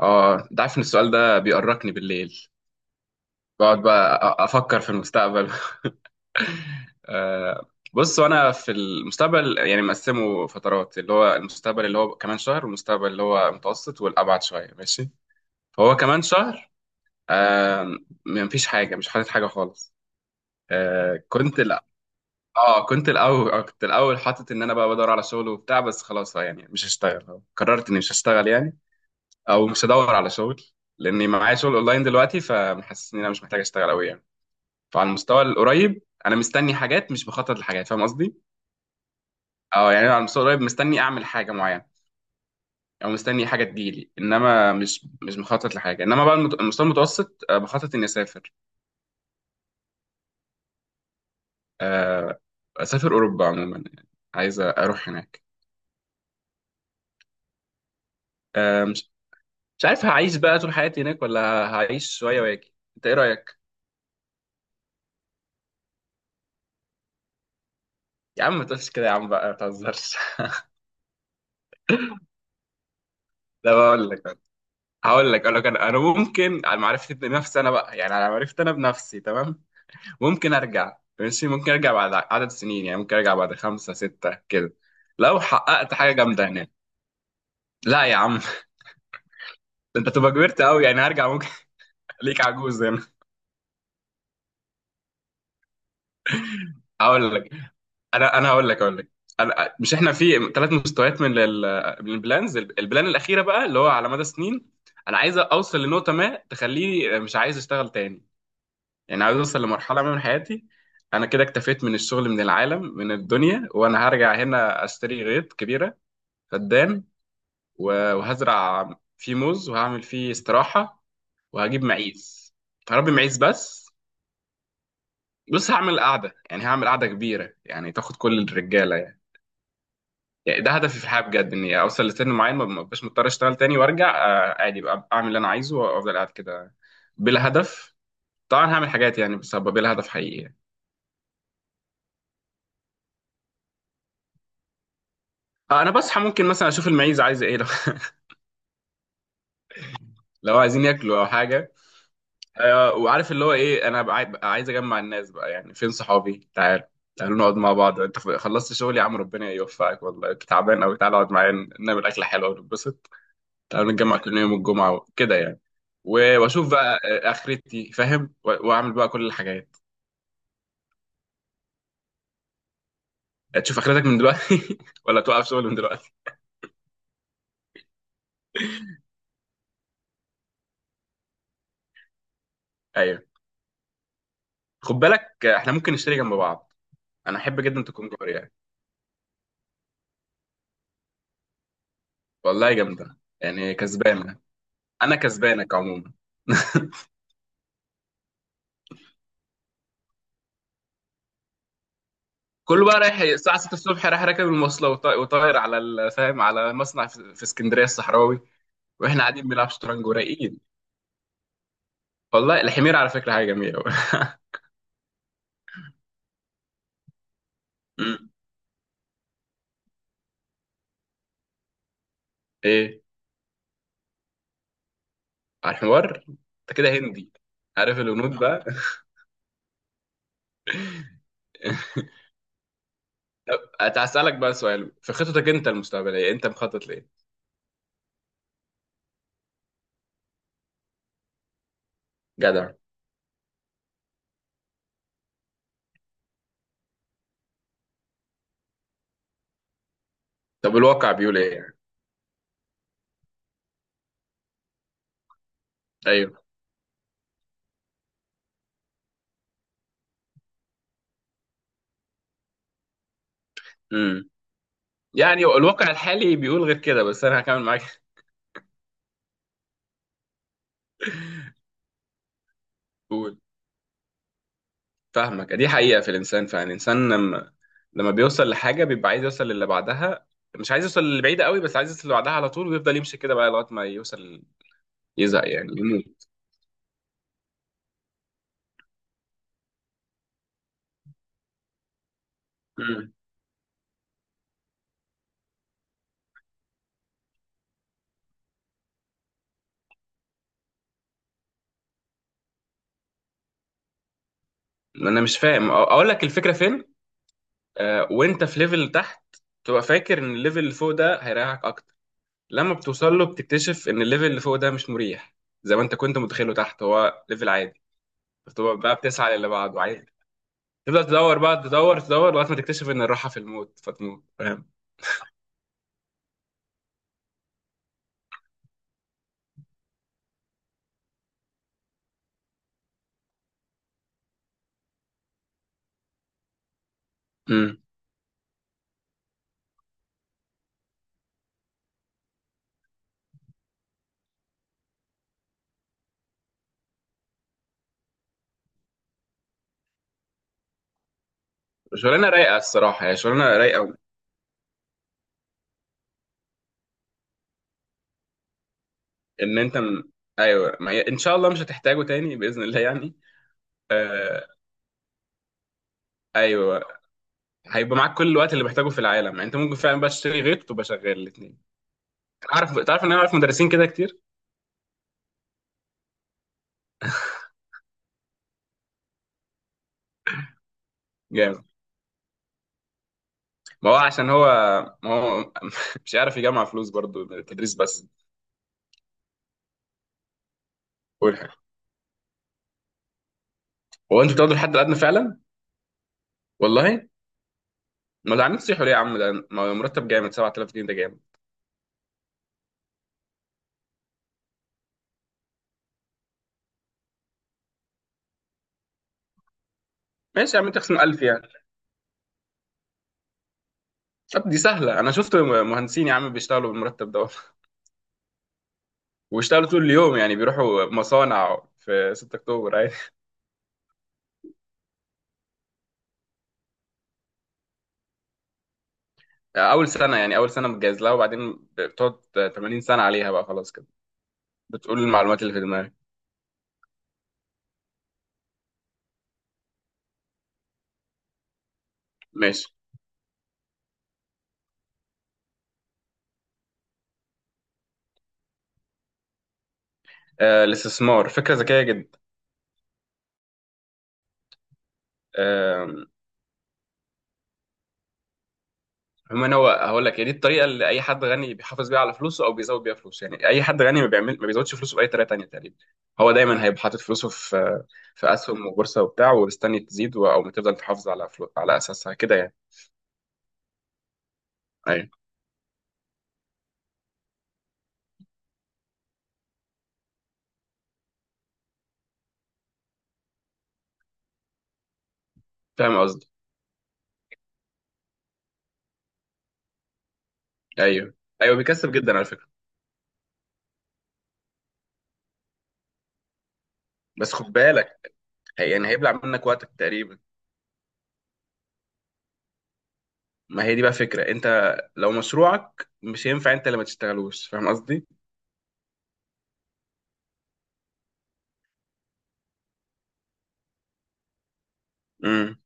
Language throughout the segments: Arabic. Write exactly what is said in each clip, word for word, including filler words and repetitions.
اه، انت عارف ان السؤال ده بيقرقني بالليل. بقعد بقى أ- افكر في المستقبل. آه. بص، وانا في المستقبل يعني مقسمه فترات، اللي هو المستقبل اللي هو كمان شهر، والمستقبل اللي هو متوسط، والابعد شويه ماشي. فهو كمان شهر، آه، مفيش حاجه، مش حاطط حاجه خالص. آه كنت لا اه كنت الاول آه، كنت الاول حاطط ان انا بقى بدور على شغل وبتاع، بس خلاص، آه، يعني مش هشتغل، قررت اني مش هشتغل يعني، او مش هدور على شغل، لاني معايا شغل اونلاين دلوقتي، فمحسس ان انا مش محتاج اشتغل قوي يعني. فعلى المستوى القريب انا مستني حاجات، مش بخطط لحاجات، فاهم قصدي. اه يعني أنا على المستوى القريب مستني اعمل حاجه معينه، او مستني حاجه تجيلي، انما مش مش مخطط لحاجه. انما بقى المت- المستوى المتوسط، آه، بخطط اني اسافر. آه، اسافر اوروبا عموما يعني، عايز اروح هناك. آه، مش مش عارف هعيش بقى طول حياتي هناك ولا هعيش شويه واجي، انت ايه رايك؟ يا عم ما تقولش كده، يا عم بقى ما تهزرش. ده بقول لك. هقول لك اقول لك انا انا ممكن، على معرفتي بنفسي، انا بقى يعني، على معرفتي انا بنفسي تمام، ممكن ارجع ماشي، ممكن ارجع بعد عدد سنين يعني، ممكن ارجع بعد خمسة ستة كده لو حققت حاجة جامدة هناك. لا يا عم. انت تبقى كبرت قوي يعني، هرجع ممكن. ليك عجوز هنا. هقول لك، انا انا هقول لك هقول لك. أنا مش، احنا في ثلاث مستويات من ال- من البلانز، البلان الاخيره بقى اللي هو على مدى سنين، انا عايز اوصل لنقطه ما تخليني مش عايز اشتغل تاني، يعني عايز اوصل لمرحله ما من حياتي، انا كده اكتفيت من الشغل، من العالم، من الدنيا، وانا هرجع هنا اشتري غيط كبيره، فدان، و- وهزرع فيه موز، وهعمل فيه استراحة، وهجيب معيز، هربي معيز بس. بص، هعمل قعدة، يعني هعمل قعدة كبيرة يعني، تاخد كل الرجالة يعني، يعني ده هدفي في الحياة بجد، إني أوصل لسن معين ما بقاش مضطر أشتغل تاني، وأرجع، آه، عادي بقى أعمل اللي أنا عايزه وأفضل قاعد كده، بلا هدف. طبعا هعمل حاجات يعني، بس هبقى بلا هدف حقيقي يعني. آه، أنا بصحى ممكن مثلا أشوف المعيز عايزة إيه لو، لو عايزين ياكلوا أو حاجة. آه، وعارف اللي هو ايه، انا بع- بقى عايز اجمع الناس بقى، يعني فين صحابي، تعال، تعالوا نقعد مع بعض، انت خلصت شغل يا عم ربنا يوفقك، والله كنت تعبان قوي، تعال اقعد معايا، نعمل اكله حلوه ونتبسط، تعالوا نتجمع كل يوم الجمعه كده يعني، و- واشوف بقى، آه، اخرتي فاهم، و- واعمل بقى كل الحاجات. آه، تشوف اخرتك من دلوقتي ولا توقف شغل من دلوقتي؟ ايوه. خد بالك، آه، احنا ممكن نشتري جنب بعض، انا احب جدا تكون جاري يعني. والله جامده يعني، كسبانه. انا كسبانك عموما. كله بقى رايح الساعه ستة الصبح، رايح راكب المواصله وطا- وطاير على ال- فاهم، على مصنع في في اسكندريه الصحراوي، واحنا قاعدين بنلعب شطرنج ورايقين. والله الحمير على فكره حاجه جميله أوي. أمم. ايه، على الحوار انت كده هندي، عارف الهنود بقى. هسألك بقى سؤال، في خطتك انت المستقبليه، انت مخطط لايه؟ جدع. طب الواقع بيقول ايه يعني؟ ايوه. امم. يعني الواقع الحالي بيقول غير كده، بس انا هكمل معاك. فاهمك، دي حقيقة في الإنسان فعلا، الإنسان لما لما بيوصل لحاجة بيبقى عايز يوصل للي بعدها، مش عايز يوصل للي بعيدة قوي، بس عايز يوصل اللي بعدها على طول، ويفضل يمشي كده بقى لغاية ما يوصل، يزهق يعني، يموت. مم. أنا مش فاهم، أ- أقول لك الفكرة فين. آه، وأنت في ليفل تحت، تبقى فاكر إن الليفل اللي فوق ده هيريحك أكتر، لما بتوصل له بتكتشف إن الليفل اللي فوق ده مش مريح زي ما أنت كنت متخيله، تحت هو ليفل عادي، بتبقى بقى بتسعى للي بعده عادي، تفضل تدور بقى، تدور تدور لغاية ما تكتشف إن الراحة في الموت، فتموت، فاهم. مم. شغلانه رايقه الصراحه، هي شغلانه رايقه. ان انت م... ايوه، ما هي ان شاء الله مش هتحتاجه تاني باذن الله يعني. آه... ايوه، هيبقى معاك كل الوقت اللي محتاجه في العالم يعني، انت ممكن فعلا بقى تشتري غيط وتبقى شغال الاثنين. عارف، تعرف ان انا عارف مدرسين كده كتير. جامد. ما هو عشان هو، ما هو مش عارف يجمع فلوس برضو من التدريس بس. قول حاجه. هو انتوا بتاخدوا الحد الادنى فعلا؟ والله. ما ده، عاملين تصيحوا ليه يا عم؟ ده ما هو مرتب جامد، سبعة آلاف جنيه ده جامد. ماشي يا عم، تخصم ألف يعني. طب دي سهله، انا شفت مهندسين يا عم بيشتغلوا بالمرتب ده واشتغلوا طول اليوم يعني، بيروحوا مصانع في 6 اكتوبر عادي. اول سنه يعني، اول سنه متجهز لها، وبعدين بتقعد ثمانين سنة سنه عليها بقى خلاص كده، بتقول المعلومات اللي في دماغك. ماشي. آه الاستثمار فكره ذكيه جدا. آه، عموما هو، هقول لك، هي دي الطريقه اللي اي حد غني بيحافظ بيها على فلوسه او بيزود بيها فلوسه، يعني اي حد غني ما بيعمل، ما بيزودش فلوسه باي طريقه تانيه تقريبا، هو دايما هيبقى حاطط فلوسه في، في اسهم وبورصه وبتاع، ومستني تزيد، و- او تفضل تحافظ على فلو... على اساسها كده يعني. ايوه، فاهم قصدي. ايوه ايوه، بيكسب جدا على فكره. بس خد بالك، هي يعني هيبلع منك وقتك تقريبا. ما هي دي بقى فكرة، انت لو مشروعك مش هينفع انت اللي ما تشتغلوش، فاهم قصدي؟ امم.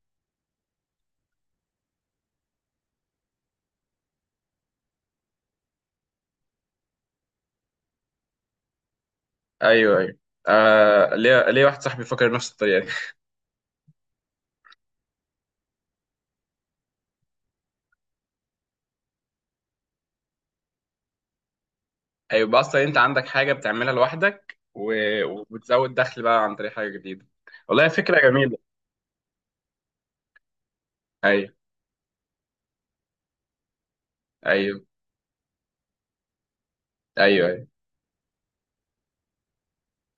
ايوه ايوه. آه، ليه ليه واحد صاحبي فكر نفس الطريقة دي. هيبقى اصلا انت عندك حاجة بتعملها لوحدك و... وبتزود دخل بقى عن طريق حاجة جديدة. والله فكرة جميلة. ايوه ايوه ايوه ايوه.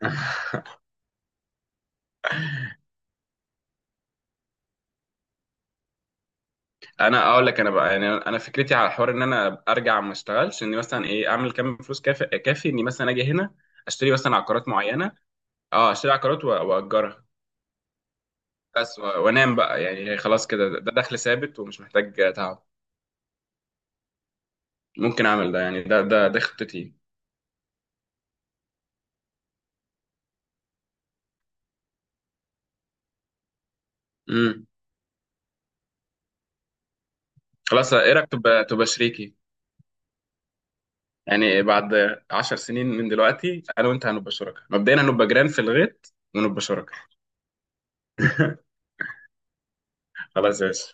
انا اقول لك، انا بقى يعني، انا فكرتي على حوار ان انا ارجع ما اشتغلش، اني مثلا ايه، اعمل كام فلوس كافي، كافي اني مثلا اجي هنا اشتري مثلا عقارات معينة. اه، اشتري عقارات و- واجرها بس، و- وانام بقى يعني، هي خلاص كده، ده دخل ثابت ومش محتاج تعب، ممكن اعمل ده يعني، ده ده ده خطتي. امم. خلاص، ايه رايك تبقى تبقى شريكي؟ يعني بعد عشر سنين من دلوقتي، انا وانت هنبقى شركاء، مبدئيا هنبقى جيران في الغيط ونبقى شركاء. خلاص يا باشا.